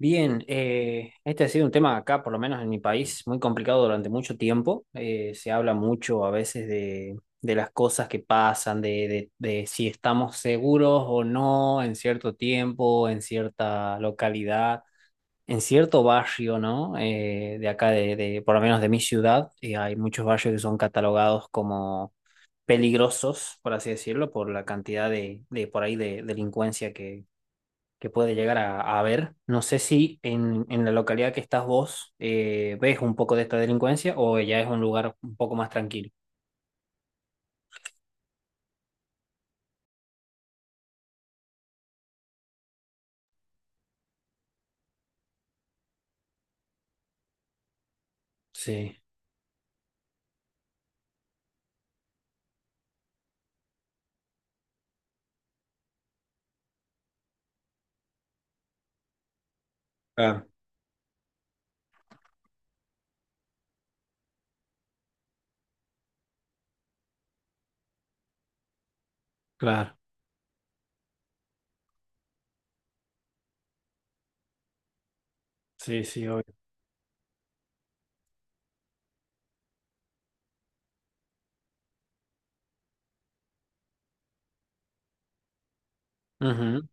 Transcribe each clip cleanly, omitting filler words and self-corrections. Bien, este ha sido un tema acá, por lo menos en mi país, muy complicado durante mucho tiempo. Se habla mucho a veces de las cosas que pasan, de si estamos seguros o no en cierto tiempo, en cierta localidad, en cierto barrio, ¿no? De acá, por lo menos de mi ciudad, hay muchos barrios que son catalogados como peligrosos, por así decirlo, por la cantidad de por ahí de delincuencia que puede llegar a ver. No sé si en la localidad que estás vos, ves un poco de esta delincuencia o ya es un lugar un poco más tranquilo. Sí, claro, claro. Sí, sí, obvio. Ujú,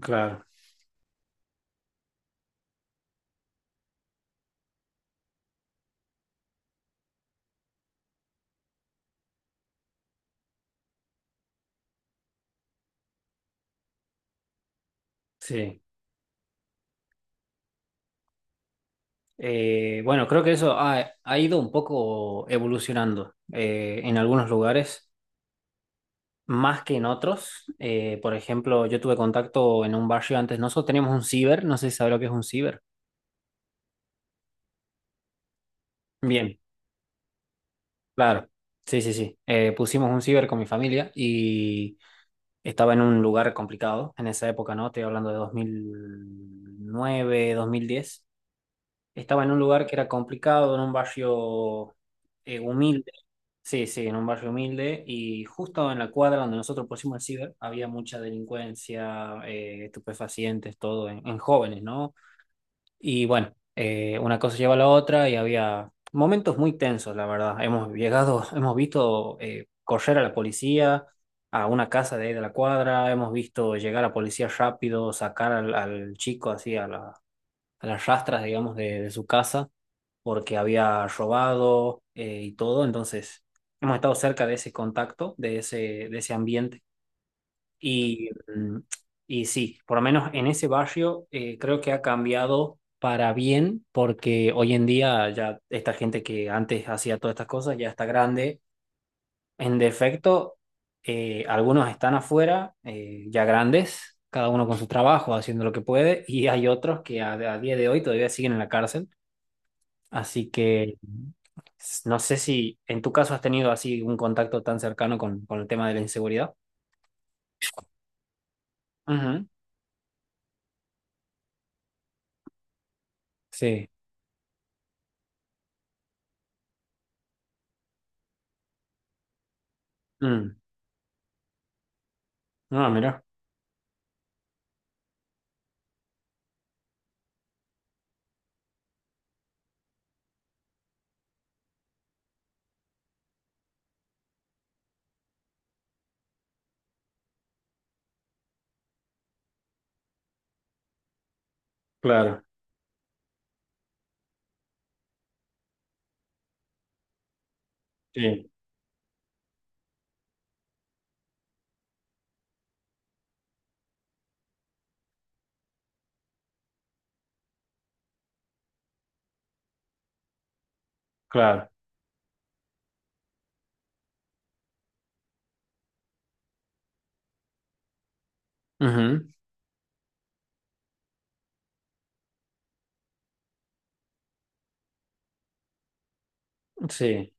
claro, sí. Bueno, creo que eso ha ido un poco evolucionando, en algunos lugares, más que en otros. Por ejemplo, yo tuve contacto en un barrio antes, nosotros teníamos un ciber, no sé si sabrá lo que es un ciber. Bien. Claro, sí, sí, sí. Pusimos un ciber con mi familia y estaba en un lugar complicado en esa época, ¿no? Estoy hablando de dos mil nueve, 2010. Estaba en un lugar que era complicado, en un barrio, humilde. Sí, sí, en un barrio humilde y justo en la cuadra donde nosotros pusimos el ciber había mucha delincuencia, estupefacientes, todo en jóvenes, ¿no? Y bueno, una cosa lleva a la otra y había momentos muy tensos, la verdad. Hemos llegado, hemos visto, correr a la policía a una casa de ahí de la cuadra. Hemos visto llegar a policía rápido, sacar al chico así a a las rastras, digamos, de su casa porque había robado, y todo. Entonces, hemos estado cerca de ese contacto, de ese ambiente y, mm, y sí, por lo menos en ese barrio, creo que ha cambiado para bien porque hoy en día ya esta gente que antes hacía todas estas cosas ya está grande. En defecto, algunos están afuera, ya grandes, cada uno con su trabajo, haciendo lo que puede, y hay otros que a día de hoy todavía siguen en la cárcel. Así que no sé si en tu caso has tenido así un contacto tan cercano con el tema de la inseguridad. Ujú, sí. Mm. Ah, mira, claro, sí, claro. Ujú, sí,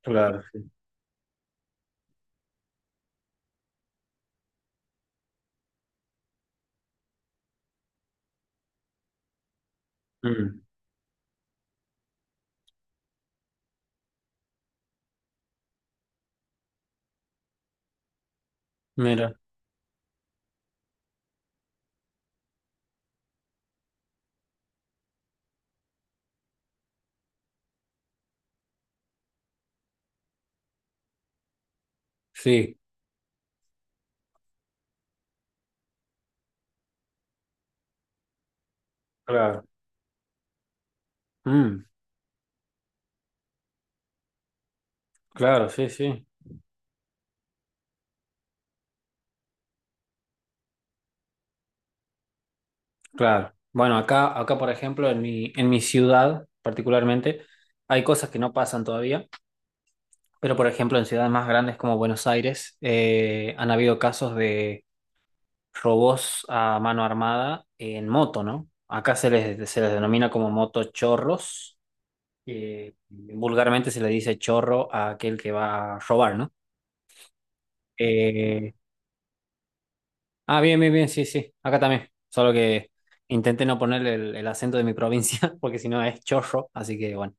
claro, sí. Mm, mira, sí, claro. Mm, claro, sí, sí, claro. Bueno, acá, por ejemplo, en mi ciudad particularmente, hay cosas que no pasan todavía, pero por ejemplo, en ciudades más grandes como Buenos Aires, han habido casos de robos a mano armada en moto, ¿no? Acá se les denomina como motochorros, que vulgarmente se le dice chorro a aquel que va a robar, ¿no? Eh, ah, bien, bien, bien, sí, sí, acá también. Solo que intenté no ponerle el acento de mi provincia, porque si no es chorro, así que bueno.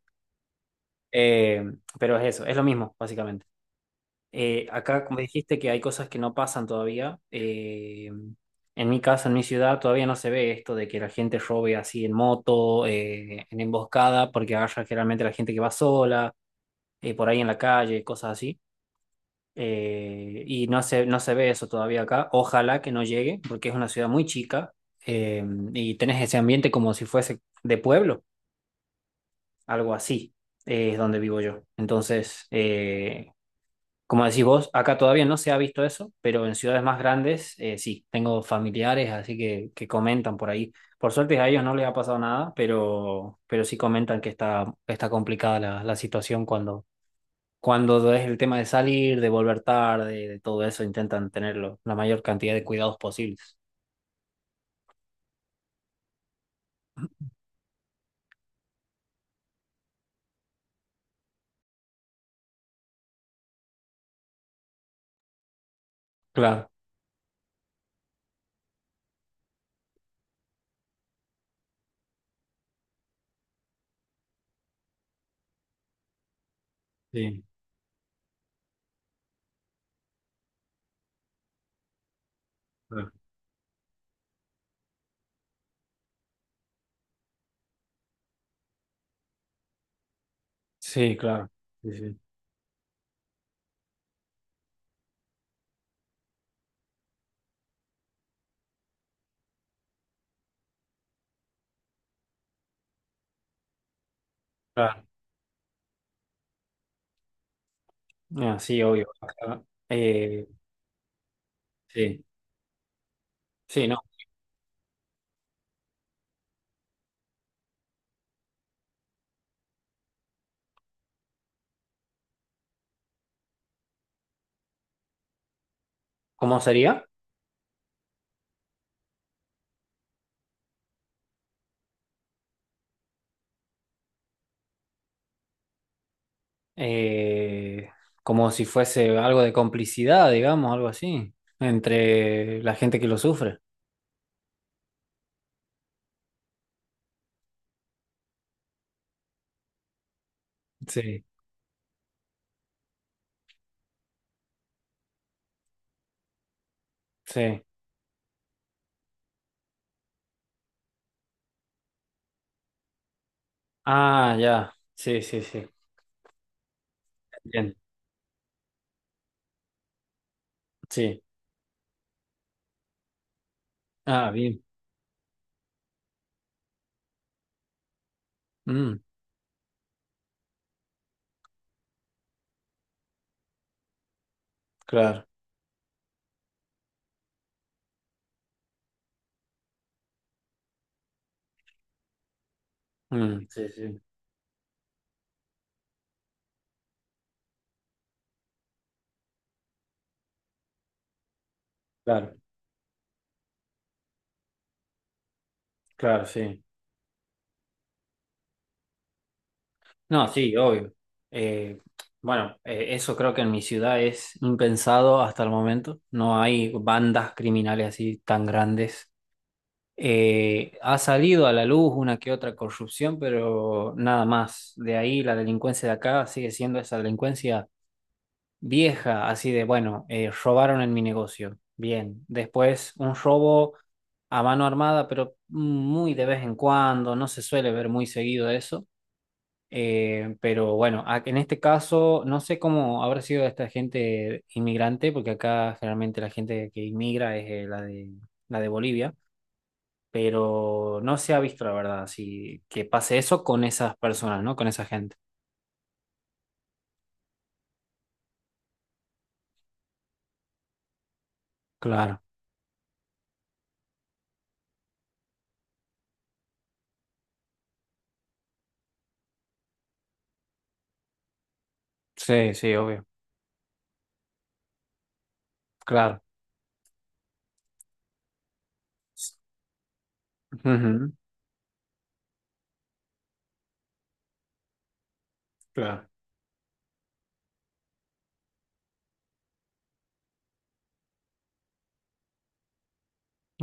Eh, pero es eso, es lo mismo, básicamente. Acá, como dijiste, que hay cosas que no pasan todavía. En mi casa, en mi ciudad, todavía no se ve esto de que la gente robe así en moto, en emboscada, porque agarra generalmente la gente que va sola, por ahí en la calle, cosas así. Y no se ve eso todavía acá. Ojalá que no llegue, porque es una ciudad muy chica, eh, y tenés ese ambiente como si fuese de pueblo, algo así, es donde vivo yo. Entonces, como decís vos, acá todavía no se ha visto eso, pero en ciudades más grandes, sí, tengo familiares, así que comentan por ahí. Por suerte a ellos no les ha pasado nada, pero sí comentan que está complicada la situación cuando es el tema de salir, de volver tarde, de todo eso, intentan tenerlo, la mayor cantidad de cuidados posibles. Claro, sí, claro, sí, claro. Sí, sí. Claro. Ah, sí, obvio. Acá, eh, sí, sí, no. ¿Cómo sería? Eh, Como si fuese algo de complicidad, digamos, algo así, entre la gente que lo sufre. Sí. Sí. Ah, ya. Sí, sí, sí. Bien. Sí. Ah, bien. Mm, claro. Mm, sí, sí. Claro. Claro, sí. No, sí, obvio. Eh, bueno, eso creo que en mi ciudad es impensado hasta el momento. No hay bandas criminales así tan grandes. Ha salido a la luz una que otra corrupción, pero nada más. De ahí la delincuencia de acá sigue siendo esa delincuencia vieja, así de, bueno, robaron en mi negocio. Bien. Después un robo a mano armada, pero muy de vez en cuando, no se suele ver muy seguido eso. Pero bueno, en este caso no sé cómo habrá sido esta gente inmigrante, porque acá generalmente la gente que inmigra es, la de Bolivia, pero no se ha visto, la verdad, si que pase eso con esas personas, ¿no? Con esa gente. Claro, sí, sí, obvio, claro. Ujú, claro,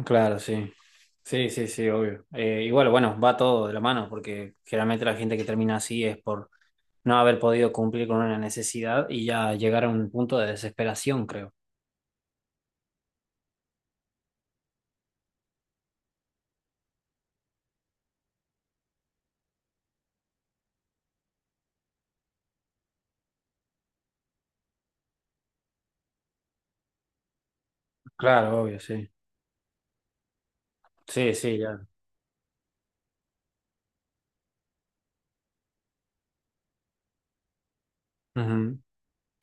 claro, sí. Sí, sí, sí, obvio. Igual, bueno, bueno, va todo de la mano, porque generalmente la gente que termina así es por no haber podido cumplir con una necesidad y ya llegar a un punto de desesperación, creo. Claro, obvio, sí. Sí, sí, ya. Ujú.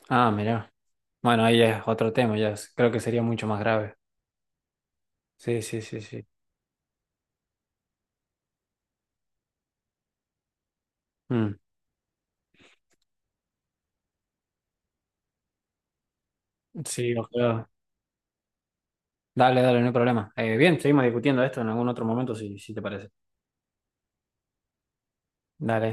Ah, mira. Bueno, ahí ya es otro tema, creo que sería mucho más grave. Sí, sí, sí, sí. Mm. Sí, ojalá. Dale, dale, no hay problema. Bien, seguimos discutiendo esto en algún otro momento, si te parece. Dale.